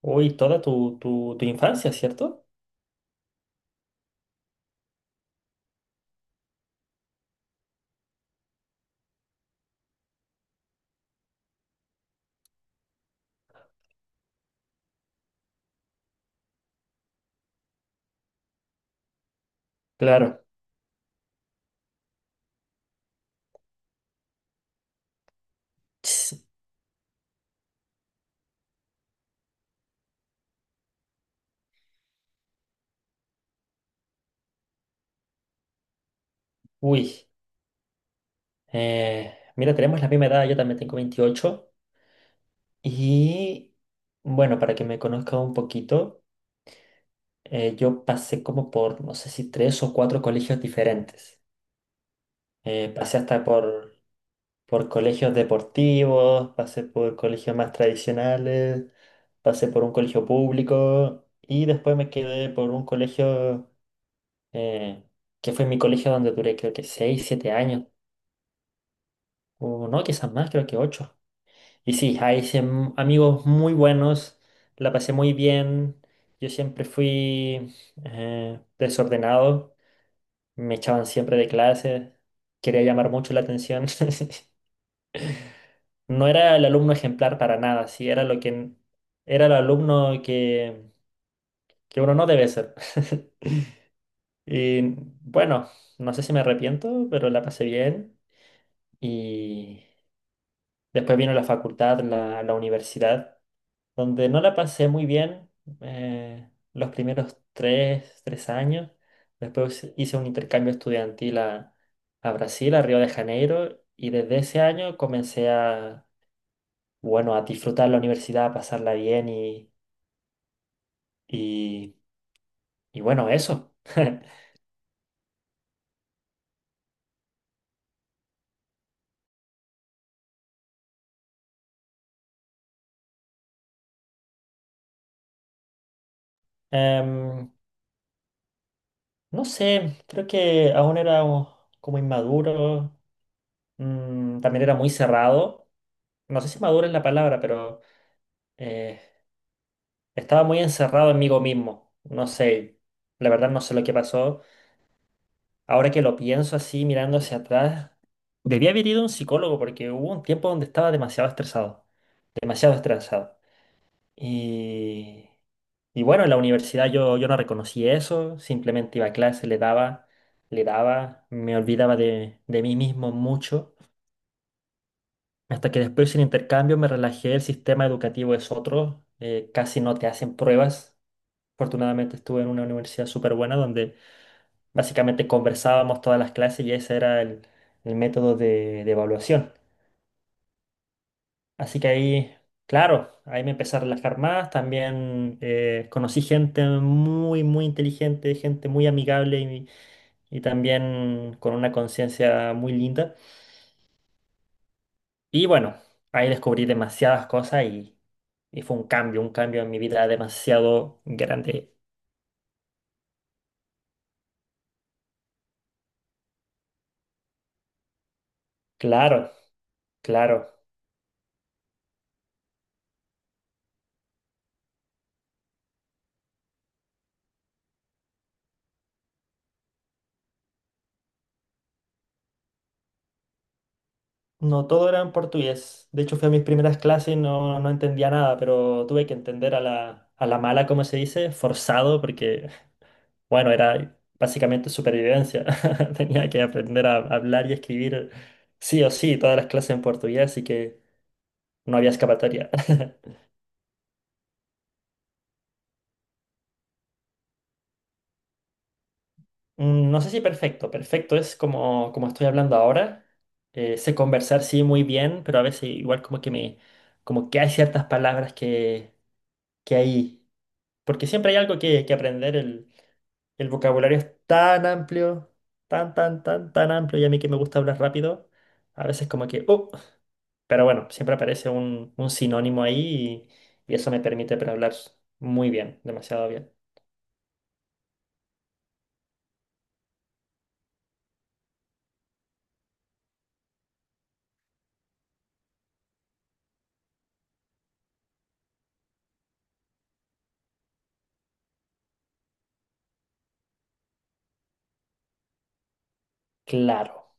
Uy, toda tu infancia, ¿cierto? Claro. Ts, uy. Mira, tenemos la misma edad, yo también tengo 28. Y bueno, para que me conozca un poquito, yo pasé como por, no sé si tres o cuatro colegios diferentes. Pasé hasta por colegios deportivos, pasé por colegios más tradicionales, pasé por un colegio público y después me quedé por un colegio eh, que fue mi colegio donde duré creo que 6 7 años, o no, quizás más, creo que 8. Y sí, ahí hice amigos muy buenos, la pasé muy bien, yo siempre fui desordenado, me echaban siempre de clase, quería llamar mucho la atención. No era el alumno ejemplar para nada, sí, era lo que era el alumno que uno no debe ser. Y bueno, no sé si me arrepiento, pero la pasé bien y... Después vino la facultad, la universidad, donde no la pasé muy bien los primeros tres años. Después hice un intercambio estudiantil a Brasil, a Río de Janeiro, y desde ese año comencé a, bueno, a disfrutar la universidad, a pasarla bien y, y bueno, eso. Em, no sé, creo que aún era como inmaduro, también era muy cerrado. No sé si maduro es la palabra, pero... eh, Estaba muy encerrado en mí mismo. No sé, la verdad no sé lo que pasó. Ahora que lo pienso así, mirando hacia atrás, debía haber ido a un psicólogo porque hubo un tiempo donde estaba demasiado estresado, demasiado estresado. Y, y bueno, en la universidad yo, yo no reconocí eso, simplemente iba a clase, le daba, me olvidaba de mí mismo mucho. Hasta que después en intercambio me relajé, el sistema educativo es otro, casi no te hacen pruebas. Afortunadamente estuve en una universidad súper buena donde básicamente conversábamos todas las clases y ese era el método de evaluación. Así que ahí, claro, ahí me empecé a relajar más. También conocí gente muy, muy inteligente, gente muy amigable y también con una conciencia muy linda. Y bueno, ahí descubrí demasiadas cosas y fue un cambio en mi vida demasiado grande. Claro, claro. No, todo era en portugués. De hecho, fui a mis primeras clases y no, no entendía nada, pero tuve que entender a la mala, como se dice, forzado, porque, bueno, era básicamente supervivencia. Tenía que aprender a hablar y escribir sí o sí todas las clases en portugués, así que no había escapatoria. No sé si perfecto. Perfecto es como, como estoy hablando ahora. Sé conversar, sí, muy bien, pero a veces igual como que me... como que hay ciertas palabras que hay. Porque siempre hay algo que aprender. El vocabulario es tan amplio, tan, tan, tan, tan amplio. Y a mí que me gusta hablar rápido, a veces como que, oh, pero bueno, siempre aparece un sinónimo ahí y eso me permite para hablar muy bien, demasiado bien. Claro.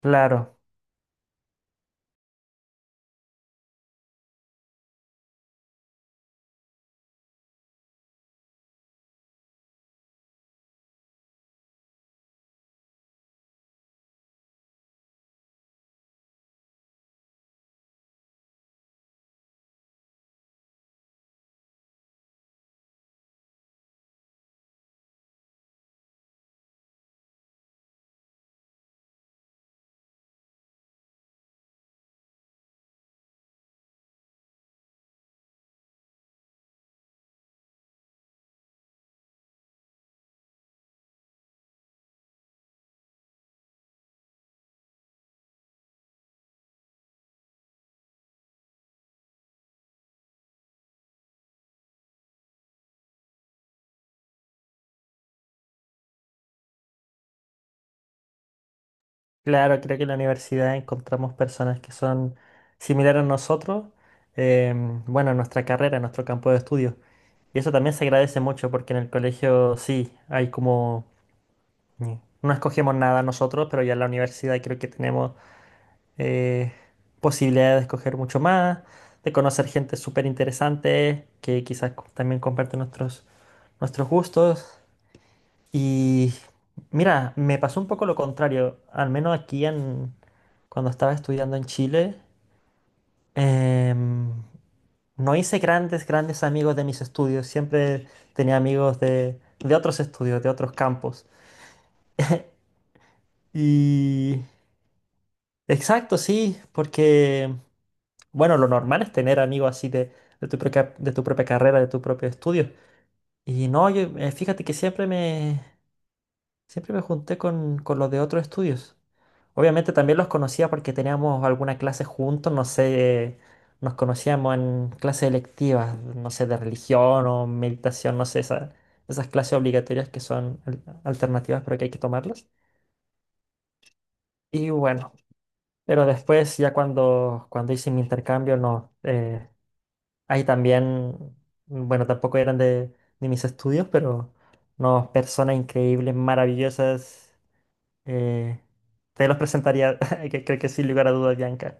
Claro, claro, creo que en la universidad encontramos personas que son similares a nosotros, em, bueno, en nuestra carrera, en nuestro campo de estudio. Y eso también se agradece mucho porque en el colegio sí, hay como mm. No escogemos nada nosotros, pero ya en la universidad creo que tenemos eh, posibilidad de escoger mucho más, de conocer gente súper interesante que quizás también comparte nuestros, nuestros gustos. Y mira, me pasó un poco lo contrario, al menos aquí en, cuando estaba estudiando en Chile, em, no hice grandes, grandes amigos de mis estudios, siempre tenía amigos de otros estudios, de otros campos. Y exacto, sí, porque, bueno, lo normal es tener amigos así de tu propia carrera, de tu propio estudio. Y no, yo, fíjate que siempre me junté con los de otros estudios. Obviamente también los conocía porque teníamos alguna clase juntos, no sé, nos conocíamos en clases electivas, no sé, de religión o meditación, no sé, esas clases obligatorias que son alternativas, pero que hay que tomarlas. Y bueno. Pero después, ya cuando, cuando hice mi intercambio, no. Ahí también, bueno, tampoco eran de mis estudios, pero no, personas increíbles, maravillosas. eh, Te los presentaría, que creo que sin lugar a dudas, Bianca.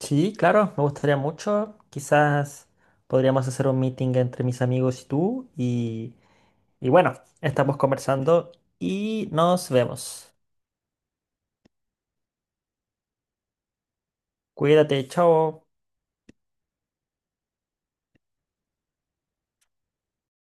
Sí, claro, me gustaría mucho. Quizás podríamos hacer un meeting entre mis amigos y tú. Y bueno, estamos conversando y nos vemos. Cuídate, chao.